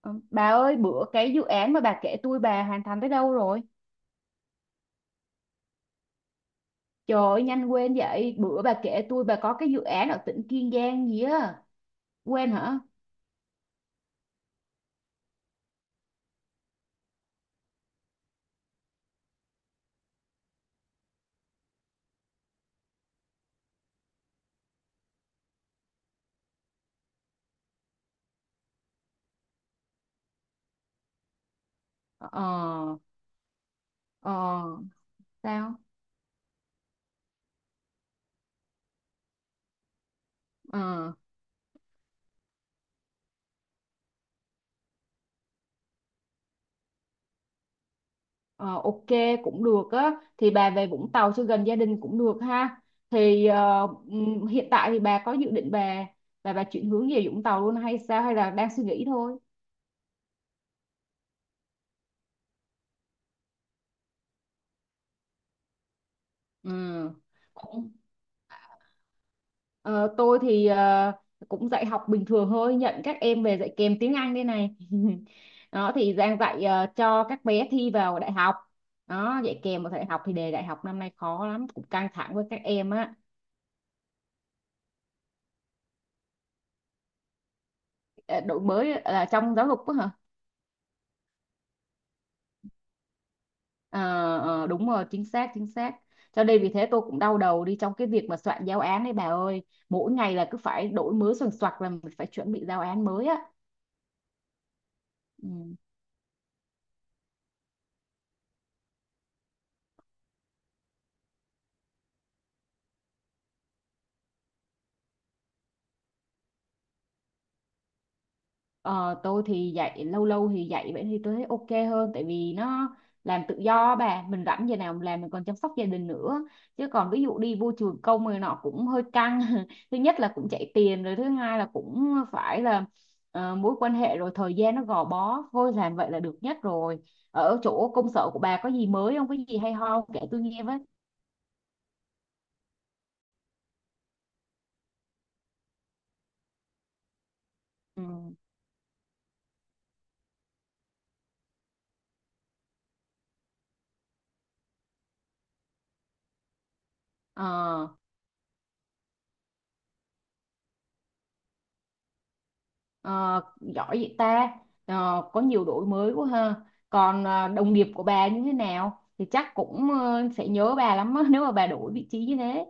Ờ, Bà ơi, bữa cái dự án mà bà kể tôi bà hoàn thành tới đâu rồi? Trời ơi, nhanh quên vậy. Bữa bà kể tôi bà có cái dự án ở tỉnh Kiên Giang gì á. Quên hả? Ờ, ờ, ờ, sao? Ờ, ờ, ok, cũng được á. Thì bà về Vũng Tàu cho gần gia đình cũng được ha. Thì ờ, Hiện tại thì bà có dự định bà chuyển hướng về Vũng Tàu luôn hay sao? Hay là đang suy nghĩ thôi? Ừ. Ờ, tôi thì cũng dạy học bình thường thôi, nhận các em về dạy kèm tiếng Anh đây này. Đó thì đang dạy cho các bé thi vào đại học. Đó, dạy kèm vào đại học thì đề đại học năm nay khó lắm, cũng căng thẳng với các em á. Ờ, đổi mới là trong giáo dục á hả? Ờ, đúng rồi, chính xác, chính xác. Cho nên vì thế tôi cũng đau đầu đi trong cái việc mà soạn giáo án đấy bà ơi. Mỗi ngày là cứ phải đổi mới soạn soạc là mình phải chuẩn bị giáo án mới á. Ừ. Ờ, tôi thì dạy lâu lâu thì dạy vậy thì tôi thấy ok hơn tại vì nó làm tự do bà mình rảnh giờ nào mình làm mình còn chăm sóc gia đình nữa chứ còn ví dụ đi vô trường công người nọ cũng hơi căng thứ nhất là cũng chạy tiền rồi thứ hai là cũng phải là mối quan hệ rồi thời gian nó gò bó thôi làm vậy là được nhất rồi ở chỗ công sở của bà có gì mới không có gì hay ho kể tôi nghe với. Ừ. Ờ. Ờ, giỏi vậy ta. Ờ, có nhiều đổi mới quá ha còn đồng nghiệp của bà như thế nào thì chắc cũng sẽ nhớ bà lắm á, nếu mà bà đổi vị trí như thế.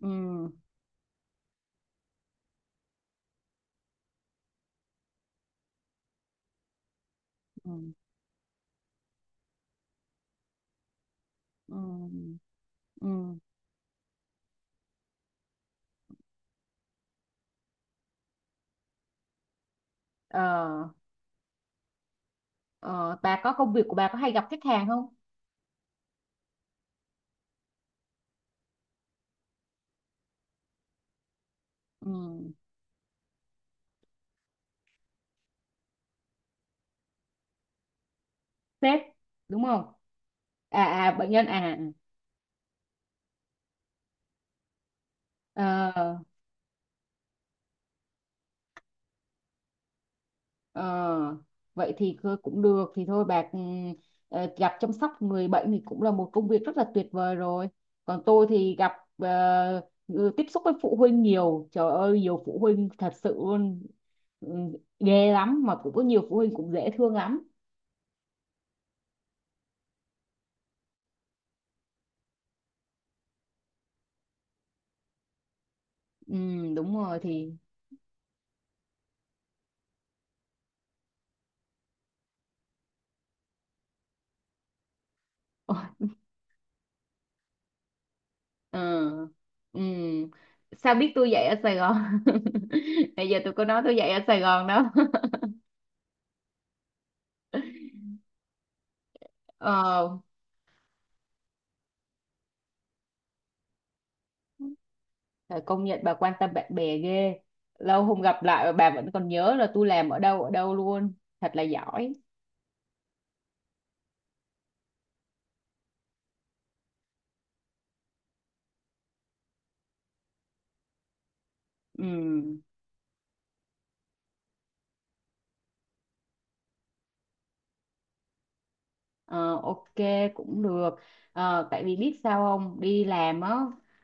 ừ, ừ, ừ, ừ. Ờ, ờ, bà có công việc của bà có hay gặp khách hàng không. Ừ. Sếp đúng không, à à bệnh nhân à à. À. Ờ. Ờ, vậy thì cũng được thì thôi bạc ừ, gặp chăm sóc người bệnh thì cũng là một công việc rất là tuyệt vời rồi còn tôi thì gặp ờ, tiếp xúc với phụ huynh nhiều trời ơi nhiều phụ huynh thật sự luôn ừ, ghê lắm mà cũng có nhiều phụ huynh cũng dễ thương lắm ừ, đúng rồi thì Ôi, ờ, ừ. ừ. sao biết tôi dạy ở Sài Gòn. Bây giờ tôi có nói tôi dạy ở Sài Gòn đó. Ờ. Trời, công nhận bà quan tâm bạn bè ghê. Lâu không gặp lại mà bà vẫn còn nhớ là tôi làm ở đâu luôn. Thật là giỏi. Ừ. Ờ, ok, cũng được. Ờ, tại vì biết sao không đi làm á,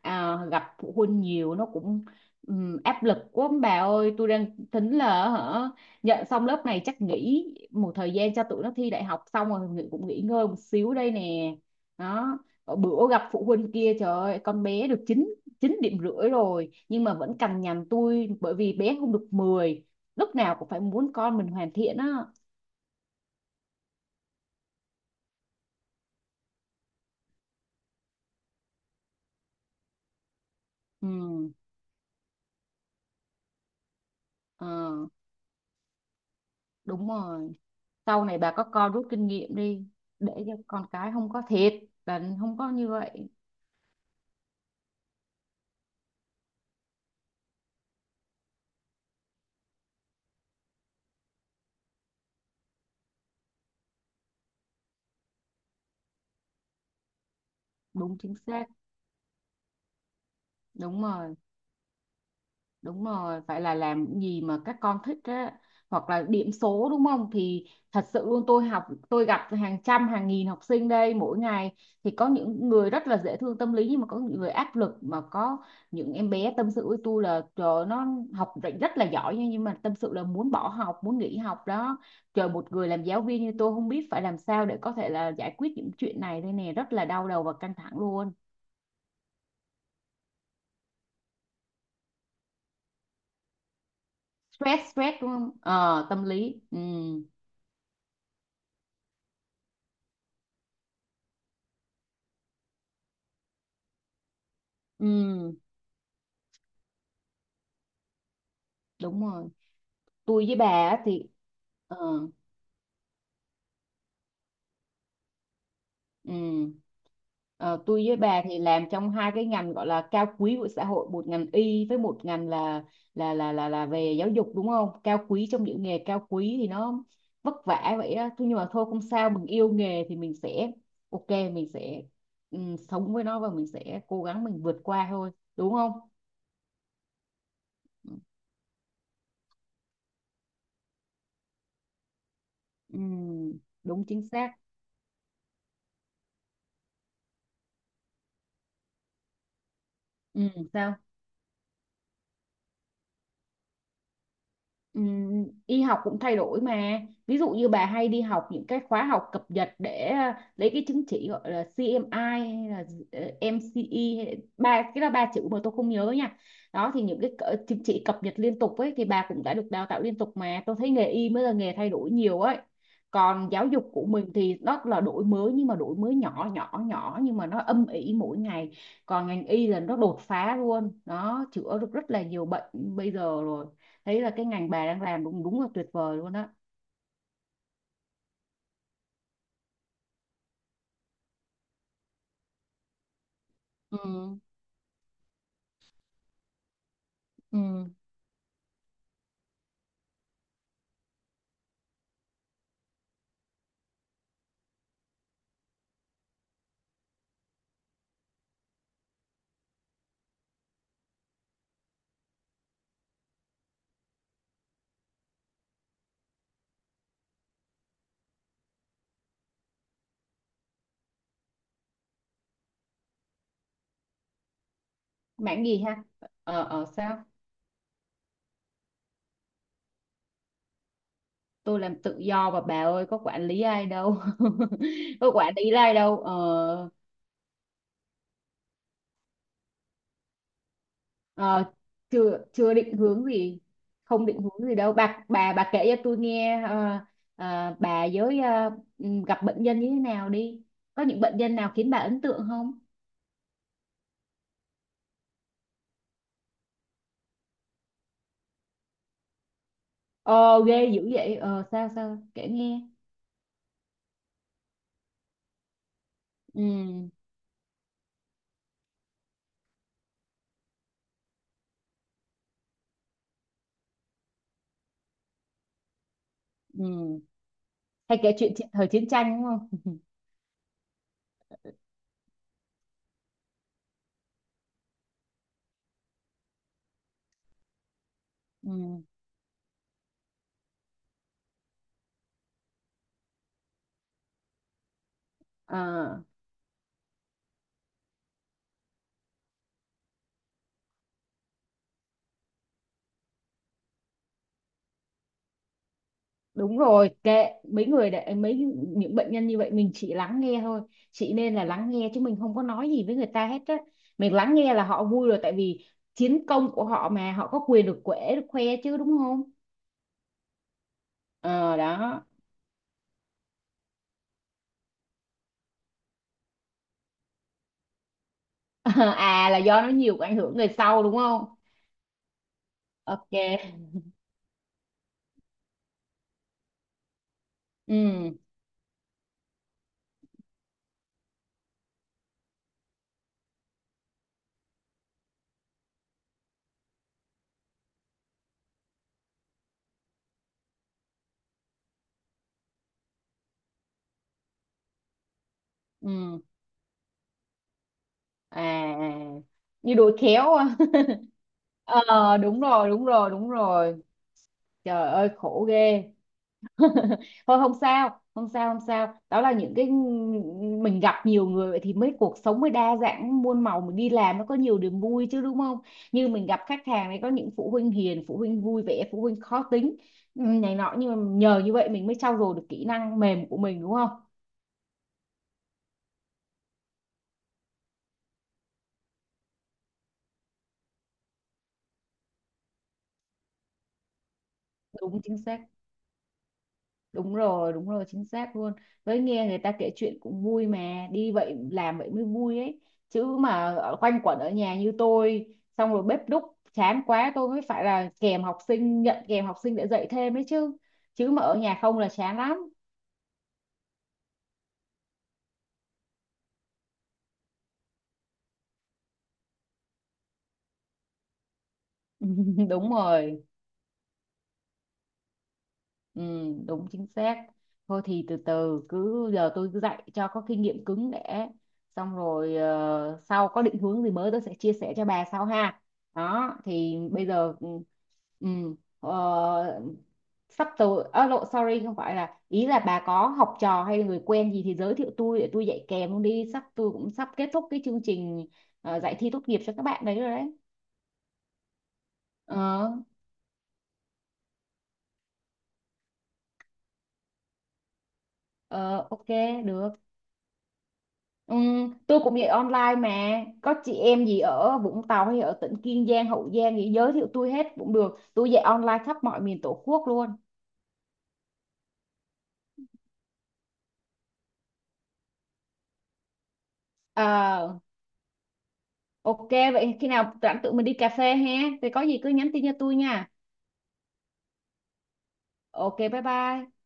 à, gặp phụ huynh nhiều nó cũng áp lực quá ông bà ơi tôi đang tính là hả nhận xong lớp này chắc nghỉ một thời gian cho tụi nó thi đại học xong rồi cũng nghỉ ngơi một xíu đây nè đó. Ở bữa gặp phụ huynh kia trời ơi con bé được chín chín điểm rưỡi rồi nhưng mà vẫn cằn nhằn tôi bởi vì bé không được mười, lúc nào cũng phải muốn con mình hoàn thiện á. Ừ. Ờ, đúng rồi, sau này bà có con rút kinh nghiệm đi để cho con cái không có thiệt bệnh không có như vậy. Đúng chính xác, đúng rồi. Đúng rồi, phải là làm những gì mà các con thích á hoặc là điểm số đúng không? Thì thật sự luôn tôi học tôi gặp hàng trăm hàng nghìn học sinh đây mỗi ngày thì có những người rất là dễ thương tâm lý nhưng mà có những người áp lực mà có những em bé tâm sự với tôi là trời ơi, nó học rất rất là giỏi nha nhưng mà tâm sự là muốn bỏ học, muốn nghỉ học đó. Trời một người làm giáo viên như tôi không biết phải làm sao để có thể là giải quyết những chuyện này đây nè, rất là đau đầu và căng thẳng luôn. Stress stress đúng không? Ờ tâm lý. Ừ. Ừ. Đúng rồi, tôi với bà á thì ờ, ừ. Ờ, tôi với bà thì làm trong hai cái ngành gọi là cao quý của xã hội một ngành y với một ngành là về giáo dục đúng không cao quý trong những nghề cao quý thì nó vất vả vậy á. Thôi nhưng mà thôi không sao mình yêu nghề thì mình sẽ ok mình sẽ ừ, sống với nó và mình sẽ cố gắng mình vượt qua thôi đúng không. Ừ, đúng chính xác. Ừ, sao. Y học cũng thay đổi mà, ví dụ như bà hay đi học những cái khóa học cập nhật để lấy cái chứng chỉ gọi là CMI hay là MCE ba cái là ba chữ mà tôi không nhớ nha đó thì những chứng chỉ cập nhật liên tục ấy thì bà cũng đã được đào tạo liên tục mà tôi thấy nghề y mới là nghề thay đổi nhiều ấy còn giáo dục của mình thì nó là đổi mới nhưng mà đổi mới nhỏ nhỏ nhỏ nhưng mà nó âm ỉ mỗi ngày còn ngành y là nó đột phá luôn nó chữa được rất là nhiều bệnh bây giờ rồi thấy là cái ngành bà đang làm đúng đúng là tuyệt vời luôn á. Ừ. Ừ. Mảng gì ha. Sao. Tôi làm tự do mà bà ơi có quản lý ai đâu. Có quản lý ai đâu ờ. Ờ, chưa chưa định hướng gì, không định hướng gì đâu bà, kể cho tôi nghe bà với gặp bệnh nhân như thế nào đi có những bệnh nhân nào khiến bà ấn tượng không. Ờ ghê dữ vậy ờ sao sao kể nghe. Ừ. Ừ. Hay kể chuyện thời chiến tranh đúng không. Ừ. À, đúng rồi kệ mấy người để mấy những bệnh nhân như vậy mình chỉ lắng nghe thôi chị nên là lắng nghe chứ mình không có nói gì với người ta hết á mình lắng nghe là họ vui rồi tại vì chiến công của họ mà họ có quyền được quể được khoe chứ đúng không. Ờ đó. À là do nó nhiều cái ảnh hưởng người sau đúng không. Ok. Ừ. Ừ. À à. À. Như đùi khéo. Ờ đúng rồi đúng rồi đúng rồi trời ơi khổ ghê. Thôi không sao không sao không sao đó là những cái mình gặp nhiều người vậy thì mới cuộc sống mới đa dạng muôn màu mình đi làm nó có nhiều niềm vui chứ đúng không như mình gặp khách hàng này có những phụ huynh hiền phụ huynh vui vẻ phụ huynh khó tính ừ, này nọ nhưng mà nhờ như vậy mình mới trau dồi được kỹ năng mềm của mình đúng không. Đúng chính xác, đúng rồi chính xác luôn với nghe người ta kể chuyện cũng vui mà đi vậy làm vậy mới vui ấy chứ mà quanh quẩn ở nhà như tôi xong rồi bếp núc chán quá tôi mới phải là kèm học sinh nhận kèm học sinh để dạy thêm ấy chứ chứ mà ở nhà không là chán lắm. Đúng rồi. Ừ, đúng chính xác. Thôi thì từ từ cứ giờ tôi cứ dạy cho có kinh nghiệm cứng để xong rồi sau có định hướng gì mới tôi sẽ chia sẻ cho bà sau ha. Đó thì bây giờ ừ, ờ, sắp tới à, lộ sorry không phải là ý là bà có học trò hay là người quen gì thì giới thiệu tôi để tôi dạy kèm luôn đi, sắp tôi cũng sắp kết thúc cái chương trình dạy thi tốt nghiệp cho các bạn đấy rồi đấy. Ờ ờ, ok được. Ừ, tôi cũng dạy online mà có chị em gì ở Vũng Tàu hay ở tỉnh Kiên Giang Hậu Giang gì giới thiệu tôi hết cũng được tôi dạy online khắp mọi miền Tổ quốc luôn. Ờ, ok vậy khi nào rảnh tụi mình đi cà phê ha thì có gì cứ nhắn tin cho tôi nha ok bye bye